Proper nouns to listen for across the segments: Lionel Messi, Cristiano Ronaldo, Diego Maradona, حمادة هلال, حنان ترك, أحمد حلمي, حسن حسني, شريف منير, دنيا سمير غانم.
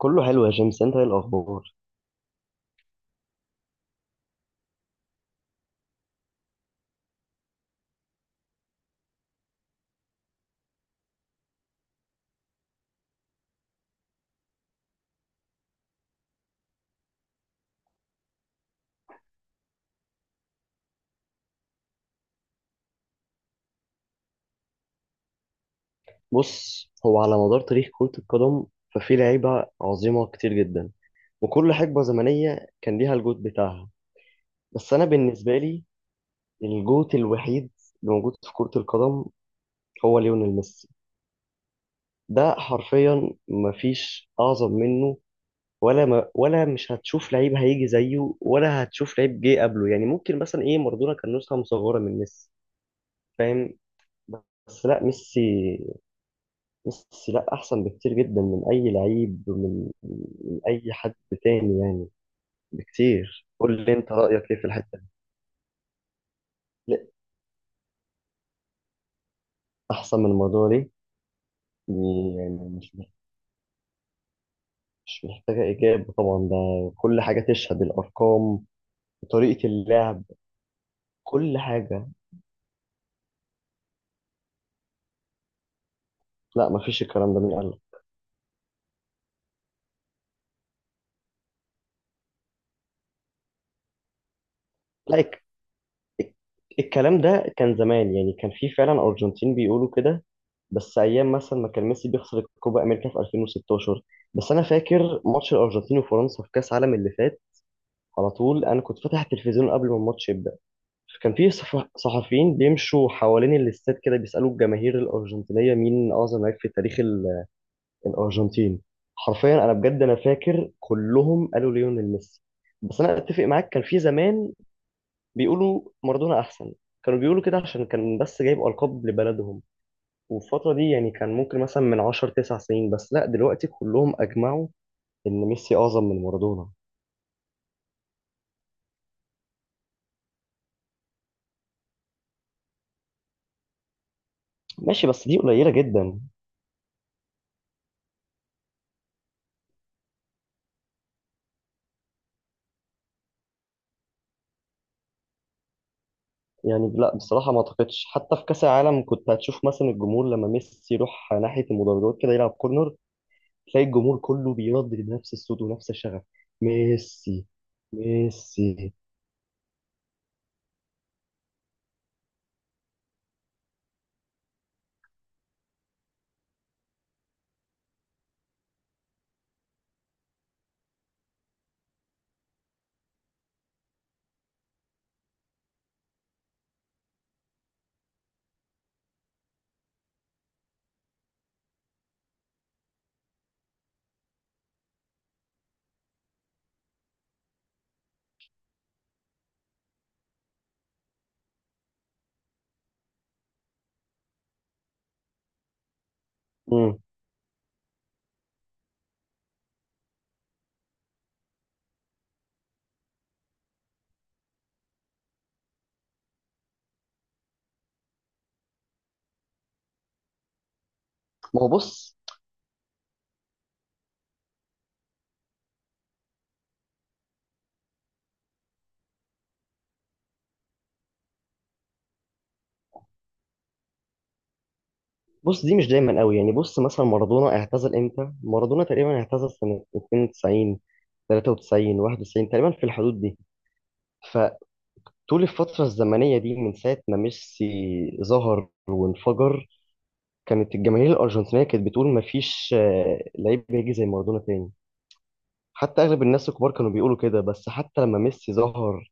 كله حلو يا جيمس. انت ايه الاخبار؟ بص، هو على مدار تاريخ كرة القدم ففي لعيبة عظيمة كتير جدا، وكل حقبة زمنية كان ليها الجوت بتاعها. بس انا بالنسبة لي، الجوت الوحيد اللي موجود في كرة القدم هو ليونيل ميسي. ده حرفيا مفيش اعظم منه. ولا مش هتشوف لعيب هيجي زيه، ولا هتشوف لعيب جه قبله. يعني ممكن مثلا ايه، مارادونا كان نسخة مصغرة من ميسي، فاهم؟ بس لا، ميسي. ميسي لا احسن بكتير جدا من اي لعيب، من اي حد تاني يعني. بكتير. قول لي انت رايك ايه في الحته دي. لا، احسن من الموضوع دي يعني مش محتاجه اجابه طبعا ده. كل حاجه تشهد، الارقام، طريقه اللعب، كل حاجه. لا مفيش، الكلام ده مين قال لك؟ لا، الكلام ده كان زمان. يعني كان في فعلا أرجنتين بيقولوا كده، بس أيام مثلا ما كان ميسي بيخسر الكوبا أمريكا في 2016. بس أنا فاكر ماتش الأرجنتين وفرنسا في كأس العالم اللي فات، على طول أنا كنت فاتح التلفزيون قبل ما الماتش يبدأ. كان في صحفيين بيمشوا حوالين الاستاد كده بيسألوا الجماهير الأرجنتينية مين أعظم لاعب في تاريخ الأرجنتين. حرفيا أنا بجد أنا فاكر كلهم قالوا ليونيل ميسي. بس أنا أتفق معاك، كان في زمان بيقولوا مارادونا احسن. كانوا بيقولوا كده عشان كان بس جايب القاب لبلدهم، والفتره دي يعني كان ممكن مثلا من 10 9 سنين. بس لا دلوقتي كلهم اجمعوا ان ميسي اعظم من مارادونا. ماشي بس دي قليله جدا. يعني لا بصراحه ما اعتقدش، حتى في كاس العالم كنت هتشوف مثلا الجمهور لما ميسي يروح ناحيه المدرجات كده يلعب كورنر، تلاقي الجمهور كله بيردد نفس الصوت ونفس الشغف: ميسي، ميسي. مم. ما هو بص. دي مش دايما قوي يعني. بص مثلا مارادونا اعتزل امتى؟ مارادونا تقريبا اعتزل سنة 92، 93، 91، تقريبا في الحدود دي. فطول الفترة الزمنية دي من ساعة ما ميسي ظهر وانفجر، كانت الجماهير الأرجنتينية كانت بتقول مفيش لعيب بيجي زي مارادونا تاني. حتى أغلب الناس الكبار كانوا بيقولوا كده. بس حتى لما ميسي ظهر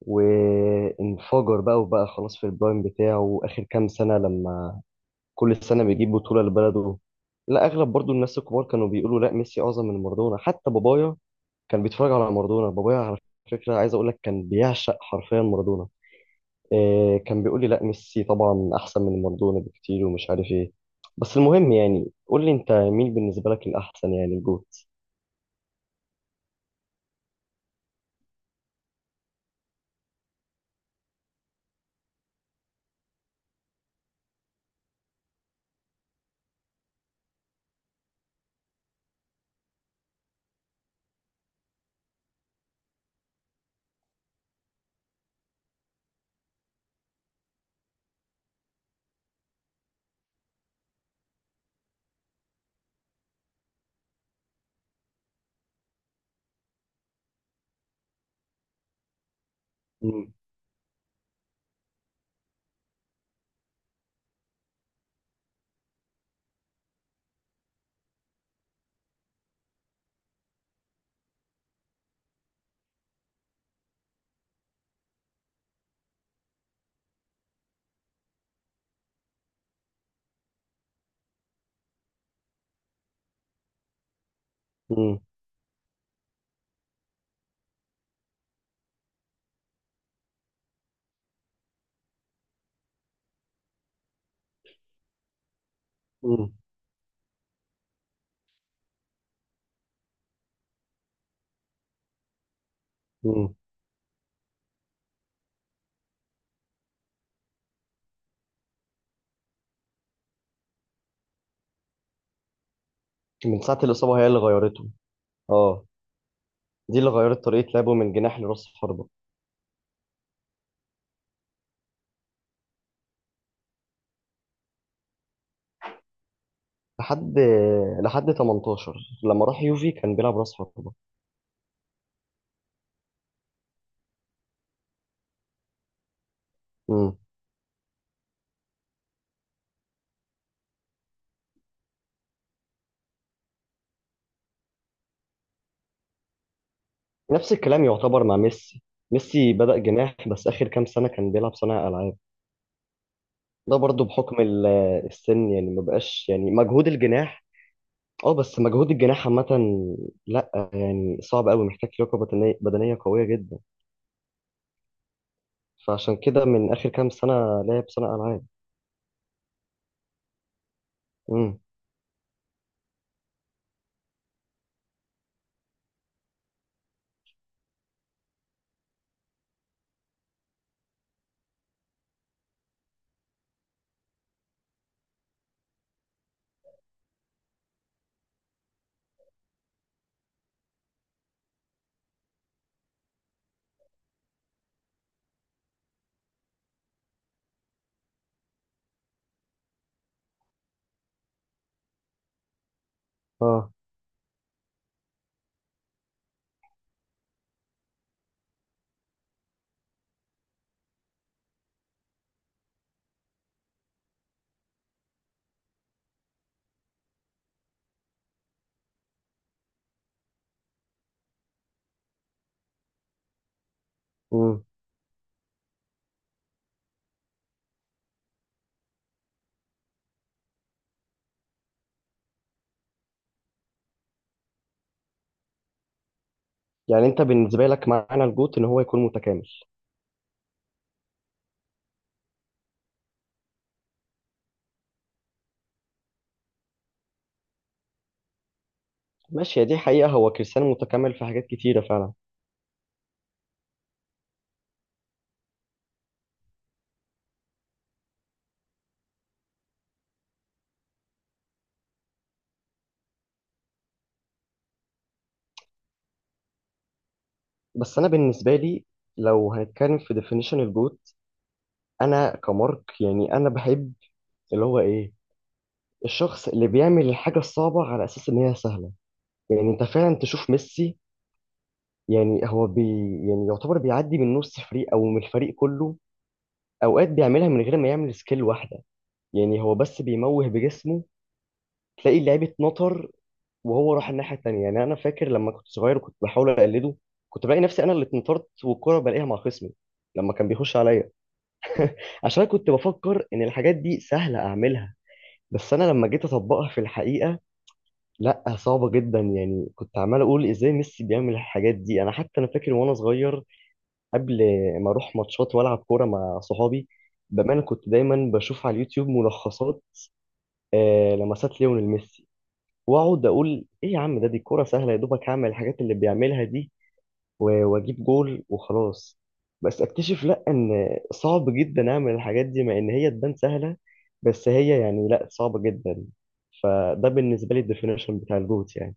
وانفجر بقى، وبقى خلاص في البرايم بتاعه آخر كام سنة لما كل سنة بيجيب بطولة لبلده، لا أغلب برضو الناس الكبار كانوا بيقولوا لا، ميسي أعظم من مارادونا. حتى بابايا كان بيتفرج على مارادونا. بابايا على فكرة، عايز أقول لك، كان بيعشق حرفيا مارادونا. إيه، كان بيقول لي لا، ميسي طبعا أحسن من مارادونا بكتير، ومش عارف إيه. بس المهم، يعني قول لي أنت مين بالنسبة لك الأحسن، يعني الجوت. مم. مم. مم. مم. من ساعة الإصابة هي اللي غيرته. اه. دي اللي غيرت طريقة لعبه من جناح لراس حربة. لحد لحد 18، لما راح يوفي كان بيلعب راس حربة. مم. نفس الكلام يعتبر مع ميسي. ميسي بدأ جناح بس آخر كام سنة كان بيلعب صانع ألعاب. ده برضو بحكم السن يعني، ما بقاش يعني مجهود الجناح. اه، بس مجهود الجناح عامة لا، يعني صعب قوي، محتاج لياقة بدنية قوية جدا. فعشان كده من آخر كام سنة لعب صانع ألعاب. امم. اه. امم. يعني انت بالنسبة لك معنى الجوت ان هو يكون متكامل. ماشي، هي دي حقيقة، هو كريستيانو متكامل في حاجات كتيرة فعلا. بس انا بالنسبة لي، لو هنتكلم في definition الجوت، انا كمارك يعني انا بحب اللي هو ايه، الشخص اللي بيعمل الحاجه الصعبه على اساس ان هي سهله. يعني انت فعلا تشوف ميسي، يعني هو بي يعني يعتبر بيعدي من نص فريق او من الفريق كله، اوقات بيعملها من غير ما يعمل سكيل واحده. يعني هو بس بيموه بجسمه، تلاقي اللعيب اتنطر وهو راح الناحيه التانيه. يعني انا فاكر لما كنت صغير وكنت بحاول اقلده، كنت بلاقي نفسي انا اللي اتنطرت والكره بلاقيها مع خصمي لما كان بيخش عليا. عشان أنا كنت بفكر ان الحاجات دي سهله اعملها، بس انا لما جيت اطبقها في الحقيقه، لا صعبه جدا. يعني كنت عمال اقول ازاي ميسي بيعمل الحاجات دي. انا حتى انا فاكر وانا صغير، قبل ما اروح ماتشات والعب كوره مع صحابي، بامانه كنت دايما بشوف على اليوتيوب ملخصات لمسات ليونيل ميسي، واقعد اقول ايه يا عم ده، دي كوره سهله، يا دوبك هعمل الحاجات اللي بيعملها دي واجيب جول وخلاص. بس اكتشف لا ان صعب جدا اعمل الحاجات دي مع ان هي تبان سهله. بس هي يعني لا، صعبه جدا. فده بالنسبه لي الديفينيشن بتاع الجوت يعني.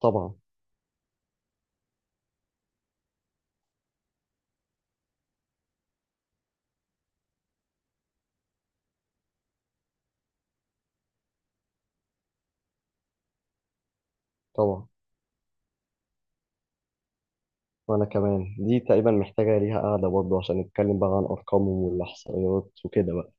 طبعا، طبعا. وانا كمان دي تقريبا محتاجه ليها قاعده برضه عشان نتكلم بقى عن ارقامهم والاحصائيات وكده بقى.